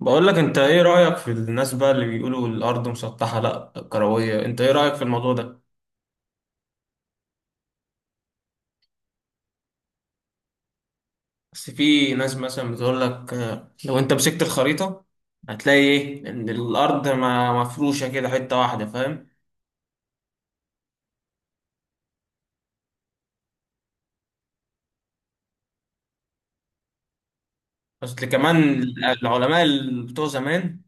بقول لك انت ايه رأيك في الناس بقى اللي بيقولوا الارض مسطحة لا كروية؟ انت ايه رأيك في الموضوع ده؟ بس في ناس مثلا بتقول لك لو انت مسكت الخريطة هتلاقي ايه، ان الارض ما مفروشة كده حتة واحدة، فاهم؟ بس اللي كمان العلماء اللي بتوع زمان،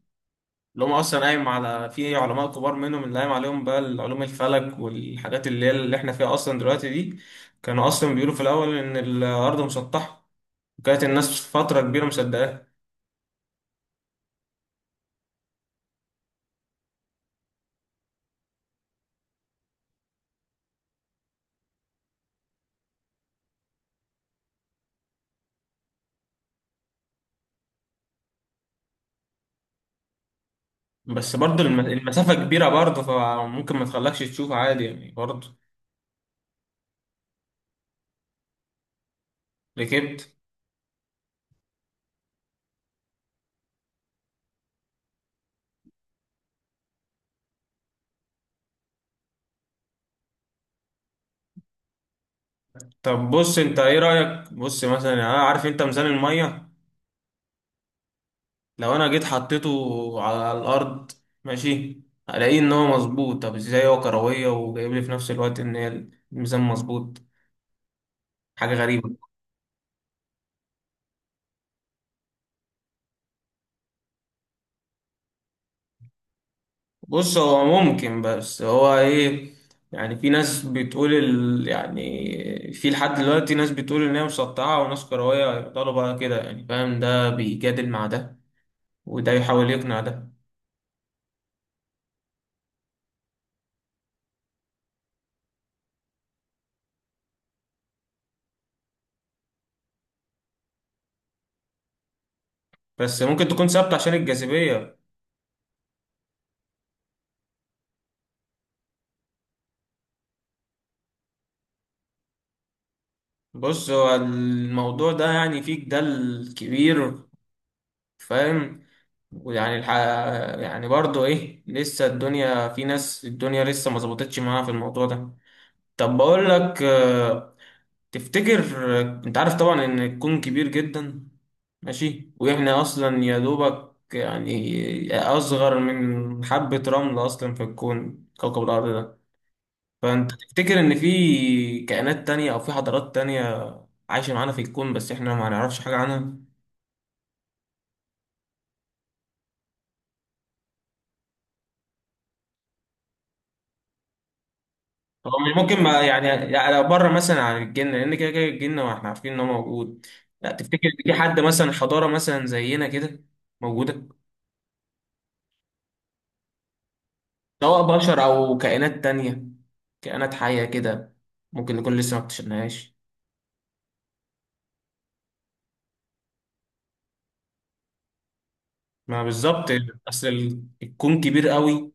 اللي هم اصلا قايم على في علماء كبار منهم اللي قايم عليهم بقى علوم الفلك والحاجات اللي هي اللي احنا فيها اصلا دلوقتي دي، كانوا اصلا بيقولوا في الاول ان الارض مسطحة، وكانت الناس فترة كبيرة مصدقاها. بس برضه المسافة كبيرة برضه، فممكن ما تخلكش تشوف عادي يعني برضه. ركبت. طب بص، انت ايه رأيك؟ بص مثلا، يعني انا عارف انت ميزان المية، لو انا جيت حطيته على الارض، ماشي، الاقيه ان هو مظبوط. طب ازاي هو كروية وجايب لي في نفس الوقت ان هي الميزان مظبوط؟ حاجة غريبة. بص هو ممكن، بس هو ايه، يعني في ناس بتقول يعني في لحد دلوقتي ناس بتقول ان هي مسطعه وناس كرويه، يفضلوا بقى كده يعني، فاهم، ده بيجادل مع ده وده يحاول يقنع ده. بس ممكن تكون ثابته عشان الجاذبيه. بص هو الموضوع ده يعني فيه جدال كبير، فاهم، ويعني الح... يعني برضه ايه، لسه الدنيا في ناس، الدنيا لسه ما ظبطتش معاها في الموضوع ده. طب بقول لك، تفتكر، انت عارف طبعا ان الكون كبير جدا، ماشي، واحنا اصلا يا دوبك يعني اصغر من حبة رمل اصلا في الكون كوكب الارض ده، فانت تفتكر ان في كائنات تانية او في حضارات تانية عايشة معانا في الكون بس احنا ما نعرفش حاجة عنها؟ هو مش ممكن ما يعني، يعني بره مثلا عن الجن، لان كده كده الجن واحنا عارفين ان هو موجود. لا، تفتكر ان في حد مثلا حضارة مثلا زينا كده موجودة؟ سواء بشر أو كائنات تانية، كائنات حية كده، ممكن نكون لسه ما اكتشفناهاش. ما بالظبط، أصل الكون كبير قوي،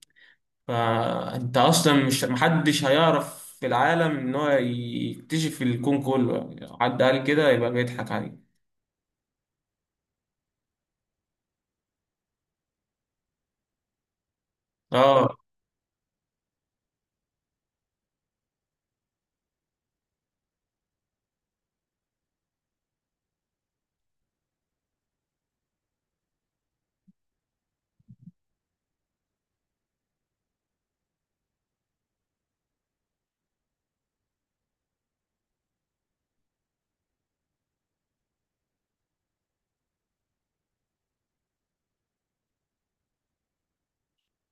فأنت أصلا مش، محدش هيعرف في العالم إن هو يكتشف الكون كله، يعني حد قال كده يبقى بيضحك عليه. آه.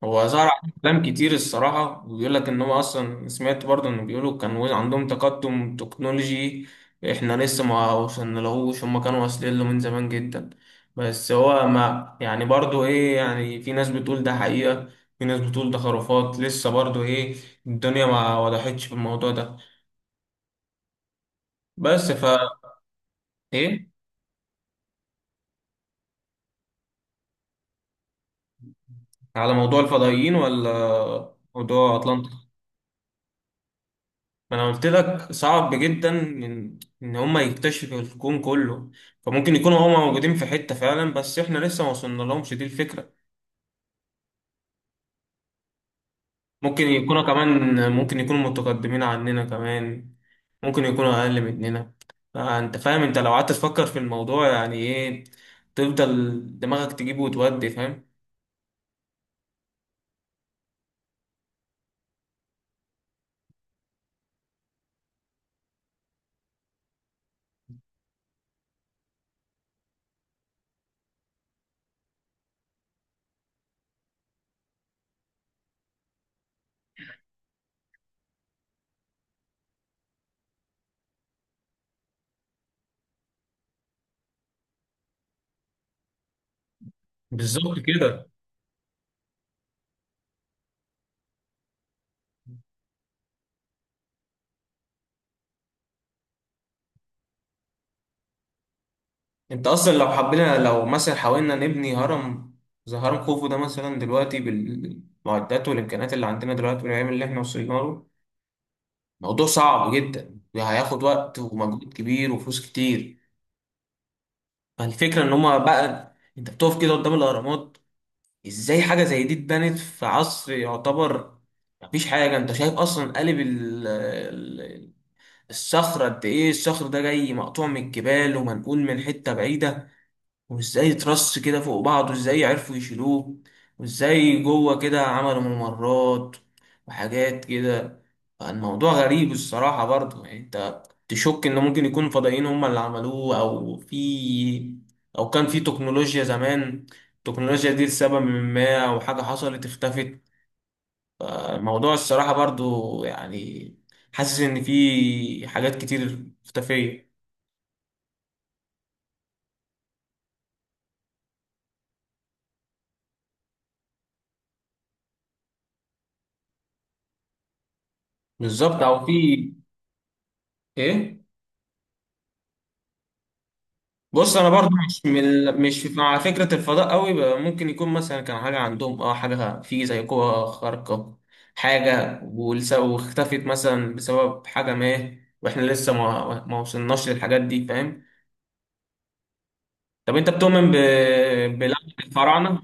هو ظهر عليه كلام كتير الصراحة، وبيقول لك إن هو أصلا، سمعت برضه إنه بيقولوا كان عندهم تقدم تكنولوجي، إحنا لسه ما وصلنالهوش، هما كانوا واصلين له من زمان جدا. بس هو ما يعني برضه إيه، يعني في ناس بتقول ده حقيقة، في ناس بتقول ده خرافات، لسه برضه إيه، الدنيا ما وضحتش في الموضوع ده. بس. إيه، على موضوع الفضائيين ولا موضوع أطلانتا؟ ما انا قلت لك صعب جدا ان هما يكتشفوا الكون كله، فممكن يكونوا هما موجودين في حتة فعلا بس احنا لسه ما وصلنا لهمش، دي الفكرة. ممكن يكونوا كمان، ممكن يكونوا متقدمين عننا كمان، ممكن يكونوا اقل مننا، فانت فاهم، انت لو قعدت تفكر في الموضوع يعني ايه، تفضل دماغك تجيبه وتودي، فاهم. بالظبط كده. انت اصلا لو حبينا، لو مثلا حاولنا نبني هرم زي هرم خوفو ده مثلا دلوقتي، بالمعدات والامكانيات اللي عندنا دلوقتي والعلم اللي احنا وصلنا له، موضوع صعب جدا، هياخد وقت ومجهود كبير وفلوس كتير. فالفكره ان هما بقى، انت بتقف كده قدام الاهرامات، ازاي حاجه زي دي اتبنت في عصر يعتبر مفيش حاجه، انت شايف اصلا قالب الصخره قد ايه، الصخر ده جاي مقطوع من الجبال ومنقول من حته بعيده، وازاي ترص كده فوق بعض، وازاي عرفوا يشيلوه، وازاي جوه كده عملوا ممرات وحاجات كده. فالموضوع غريب الصراحة برضه يعني، انت تشك ان ممكن يكون فضائيين هم اللي عملوه، او في، او كان في تكنولوجيا زمان، التكنولوجيا دي لسبب ما او حاجة حصلت اختفت. الموضوع الصراحة برضه يعني، حاسس ان في حاجات كتير مختفية. بالظبط، او في، ايه. بص انا برضو مش من مش مع فكره الفضاء قوي بقى، ممكن يكون مثلا كان حاجه عندهم، اه، حاجه في زي قوه خارقه، واختفت مثلا بسبب حاجه ما، واحنا لسه ما وصلناش للحاجات دي، فاهم. طب انت بتؤمن بلعنه الفراعنه؟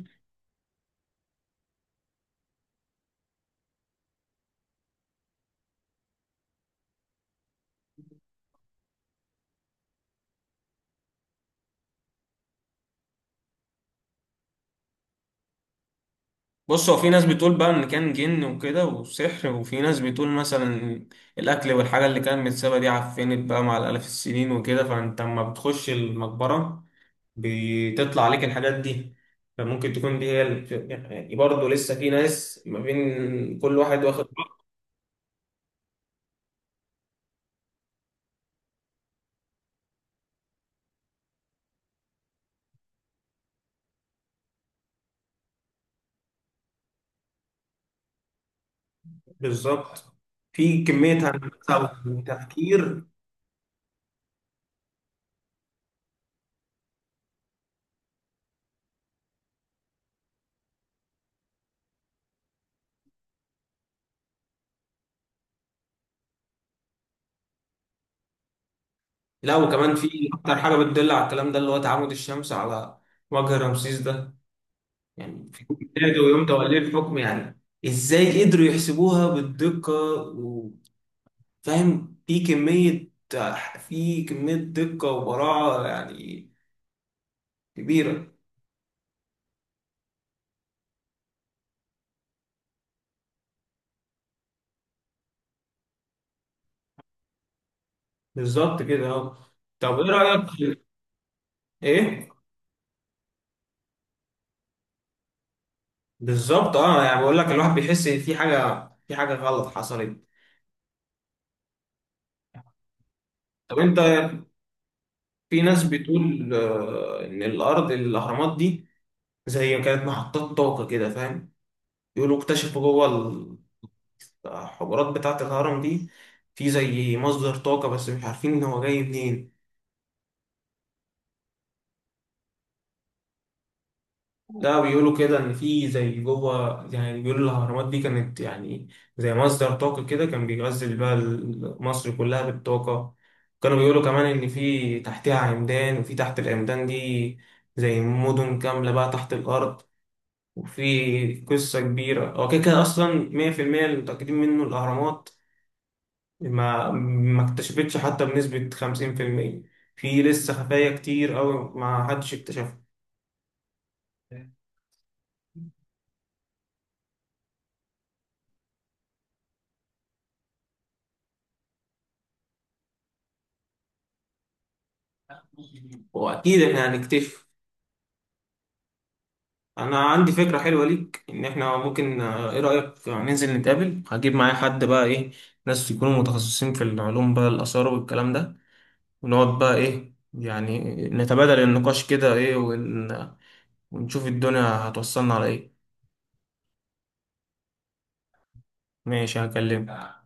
بص هو في ناس بتقول بقى ان كان جن وكده وسحر، وفي ناس بتقول مثلا الاكل والحاجه اللي كانت متسابه دي عفنت بقى مع الالاف السنين وكده، فانت لما بتخش المقبره بتطلع عليك الحاجات دي، فممكن تكون دي هي يعني برضه لسه في ناس، ما بين كل واحد واخد رأي. بالظبط. في كمية هندسة وتفكير. لا، وكمان في أكتر حاجة بتدل على الكلام ده، اللي هو تعامد الشمس على وجه رمسيس ده، يعني في يوم ميلاده ويوم توليه الحكم يعني. إزاي قدروا يحسبوها بالدقة؟ وفاهم، في كمية، في كمية دقة وبراعة يعني كبيرة. بالظبط كده، اه. طب ايه رأيك ايه، بالظبط اه، يعني بقول لك الواحد بيحس ان في حاجة، في حاجة غلط حصلت. طب انت، في ناس بتقول ان الاهرامات دي زي كانت محطات طاقة كده، فاهم، يقولوا اكتشفوا جوه الحجرات بتاعة الهرم دي في زي مصدر طاقة بس مش عارفين ان هو جاي منين. لا، بيقولوا كده ان في زي جوه، يعني بيقولوا الاهرامات دي كانت يعني زي مصدر طاقه كده، كان بيغذي بقى مصر كلها بالطاقه. كانوا بيقولوا كمان ان في تحتها عمدان، وفي تحت العمدان دي زي مدن كامله بقى تحت الارض، وفي قصه كبيره. هو كده كده اصلا 100% اللي متاكدين منه الاهرامات ما اكتشفتش حتى بنسبه 50% في المية، في لسه خفايا كتير قوي ما حدش اكتشفها. واكيد احنا هنكتشف. انا عندي فكرة حلوة ليك، ان احنا ممكن، ايه رأيك ننزل نتقابل، هجيب معايا حد بقى ايه، ناس يكونوا متخصصين في العلوم بقى الآثار والكلام ده، ونقعد بقى ايه يعني، نتبادل النقاش كده ونشوف الدنيا هتوصلنا على ايه. ماشي، هكلمك.